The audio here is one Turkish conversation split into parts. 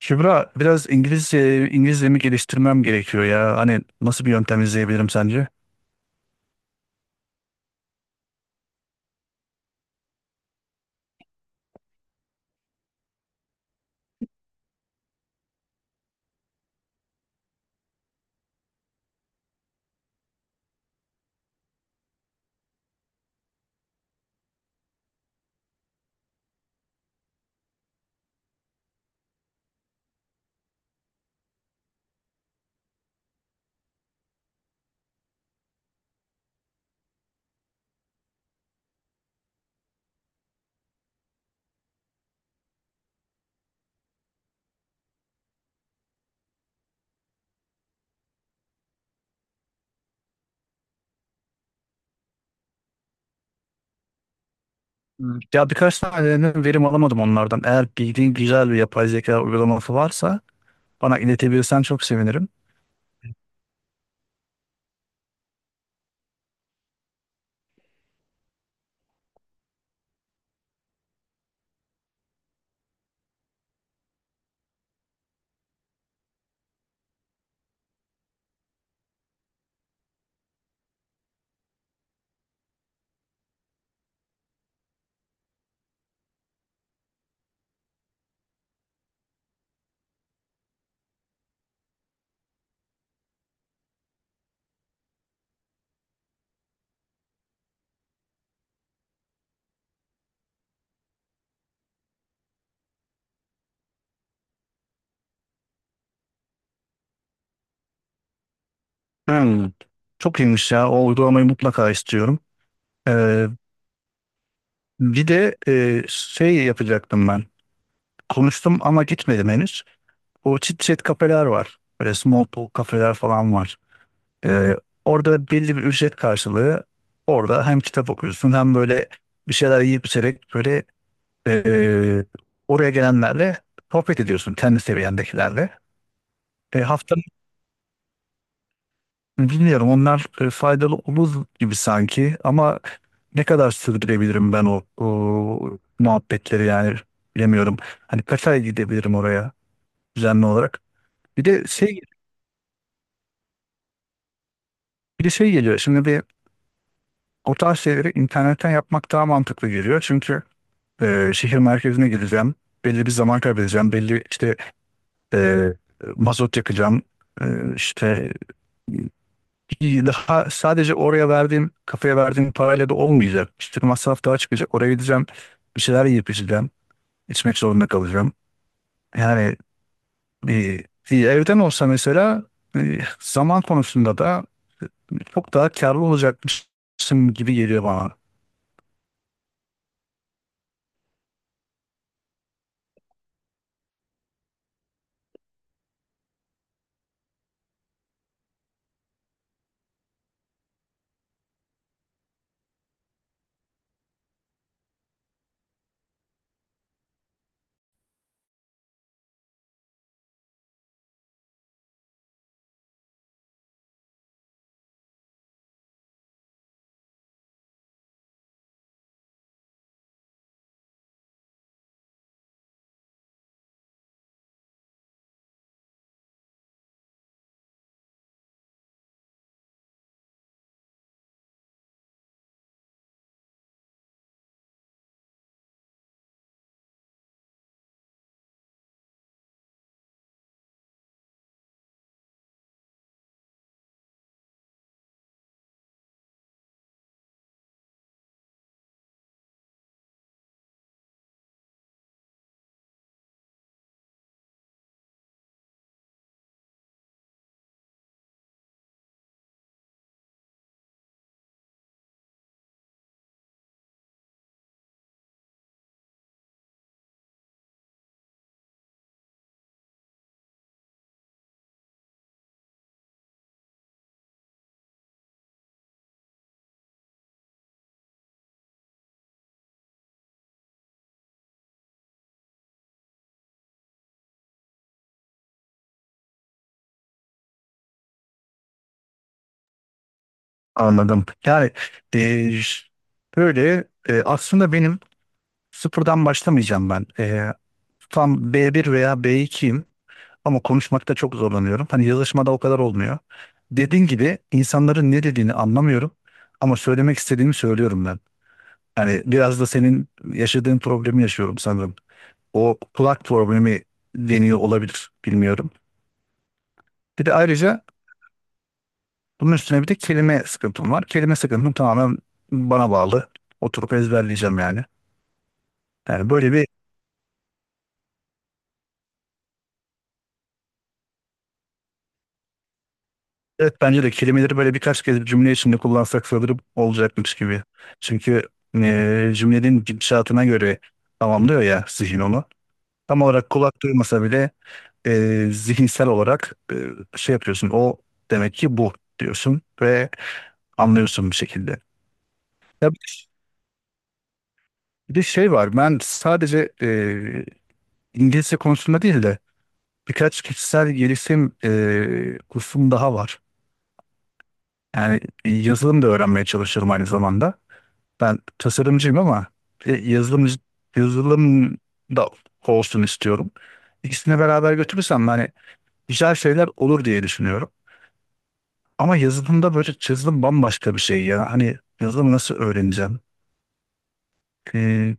Kübra biraz İngilizcemi geliştirmem gerekiyor ya. Hani nasıl bir yöntem izleyebilirim sence? Hmm. Ya birkaç tane verim alamadım onlardan. Eğer bildiğin güzel bir yapay zeka uygulaması varsa bana iletebilirsen çok sevinirim. Hmm, çok iyiymiş ya. O uygulamayı mutlaka istiyorum. Ee, Bir de şey yapacaktım ben. Konuştum ama gitmedim henüz. O chit chat kafeler var. Böyle small talk kafeler falan var. Ee, Orada belli bir ücret karşılığı orada hem kitap okuyorsun hem böyle bir şeyler yiyip içerek böyle, e, oraya gelenlerle sohbet ediyorsun kendi seviyendekilerle. E, haftanın Bilmiyorum onlar faydalı olur gibi sanki ama ne kadar sürdürebilirim ben o muhabbetleri, yani bilemiyorum. Hani kaç ay gidebilirim oraya düzenli olarak. Bir de şey bir de şey geliyor. Şimdi bir o tarz şeyleri internetten yapmak daha mantıklı geliyor. Çünkü şehir merkezine gideceğim. Belli bir zaman kaybedeceğim. Belli işte, e, mazot yakacağım. E, işte Ki daha sadece oraya verdiğim, kafaya verdiğim parayla da olmayacak. İşte masraf daha çıkacak. Oraya gideceğim. Bir şeyler yiyip içeceğim. İçmek zorunda kalacağım. Yani bir evden olsa mesela zaman konusunda da çok daha karlı olacakmışım gibi geliyor bana. Anladım. Yani e, böyle, aslında benim sıfırdan başlamayacağım ben. E, tam B1 veya B2'yim. Ama konuşmakta çok zorlanıyorum. Hani yazışmada o kadar olmuyor. Dediğin gibi insanların ne dediğini anlamıyorum ama söylemek istediğimi söylüyorum ben. Yani biraz da senin yaşadığın problemi yaşıyorum sanırım. O kulak problemi deniyor olabilir, bilmiyorum. Bir de ayrıca bunun üstüne bir de kelime sıkıntım var. Kelime sıkıntım tamamen bana bağlı. Oturup ezberleyeceğim yani. Yani böyle bir evet, bence de kelimeleri böyle birkaç kez cümle içinde kullansak sanırım olacakmış gibi. Çünkü cümlenin gidişatına göre tamamlıyor ya zihin onu. Tam olarak kulak duymasa bile zihinsel olarak şey yapıyorsun. O demek ki bu diyorsun ve anlıyorsun bir şekilde. Ya bir de şey var, ben sadece İngilizce konusunda değil de birkaç kişisel gelişim kursum daha var. Yani yazılım da öğrenmeye çalışıyorum aynı zamanda. Ben tasarımcıyım ama e, yazılım yazılım da olsun istiyorum. İkisini beraber götürürsem hani güzel şeyler olur diye düşünüyorum. Ama yazılımda böyle yazılım bambaşka bir şey ya. Hani yazılımı nasıl öğreneceğim? Ee,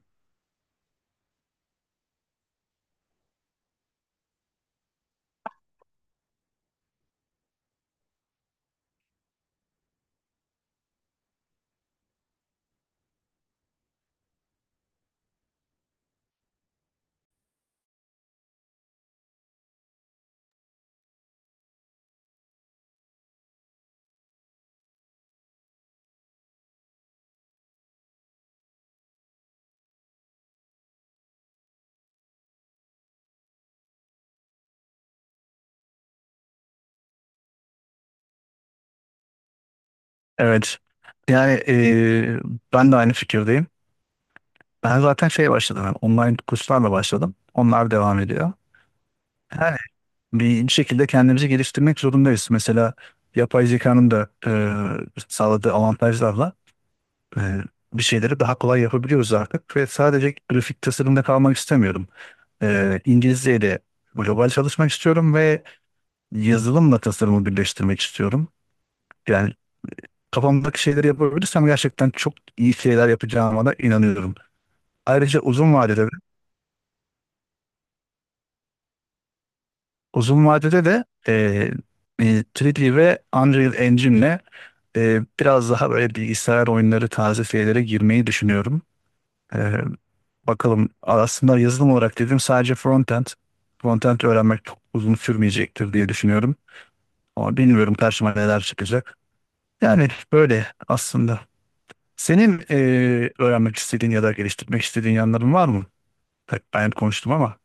evet. Yani ben de aynı fikirdeyim. Ben zaten şey başladım, yani online kurslarla başladım. Onlar devam ediyor. Yani bir şekilde kendimizi geliştirmek zorundayız. Mesela yapay zekanın da sağladığı avantajlarla e, bir şeyleri daha kolay yapabiliyoruz artık ve sadece grafik tasarımda kalmak istemiyorum. E, İngilizceyle de global çalışmak istiyorum ve yazılımla tasarımı birleştirmek istiyorum. Yani kafamdaki şeyleri yapabilirsem gerçekten çok iyi şeyler yapacağıma da inanıyorum. Ayrıca uzun vadede de 3D ve Unreal Engine'le biraz daha böyle bilgisayar oyunları tarzı şeylere girmeyi düşünüyorum. Ee, Bakalım. Aslında yazılım olarak dedim sadece frontend. Frontend öğrenmek çok uzun sürmeyecektir diye düşünüyorum. Ama bilmiyorum karşıma neler çıkacak. Yani böyle aslında. Senin öğrenmek istediğin ya da geliştirmek istediğin yanların var mı? Tabii ben konuştum ama.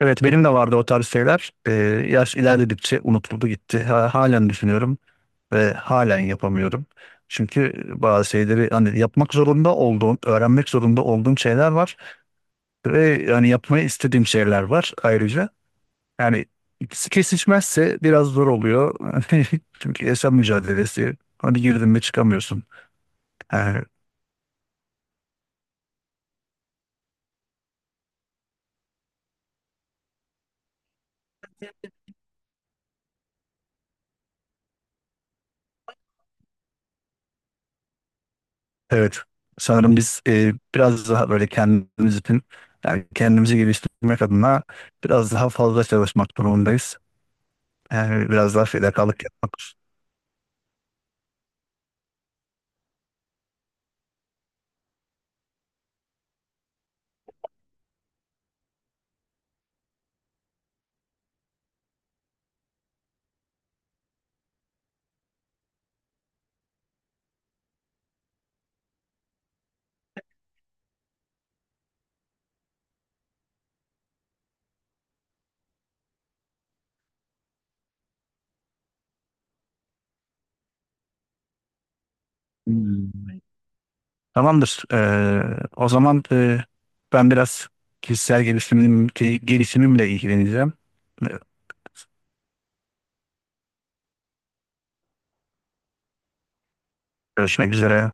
Evet, benim de vardı o tarz şeyler. Yaş ilerledikçe unutuldu gitti. Halen düşünüyorum ve halen yapamıyorum. Çünkü bazı şeyleri hani yapmak zorunda olduğum, öğrenmek zorunda olduğum şeyler var. Ve yani yapmayı istediğim şeyler var ayrıca. Yani ikisi kesişmezse biraz zor oluyor. Çünkü yaşam mücadelesi. Hani girdin mi çıkamıyorsun. Yani, evet. Sanırım biz biraz daha böyle kendimiz için, yani kendimizi geliştirmek adına biraz daha fazla çalışmak durumundayız. Yani biraz daha fedakarlık yapmak. Hmm. Tamamdır. E, o zaman ben biraz kişisel gelişimimle ilgileneceğim. E, görüşmek üzere.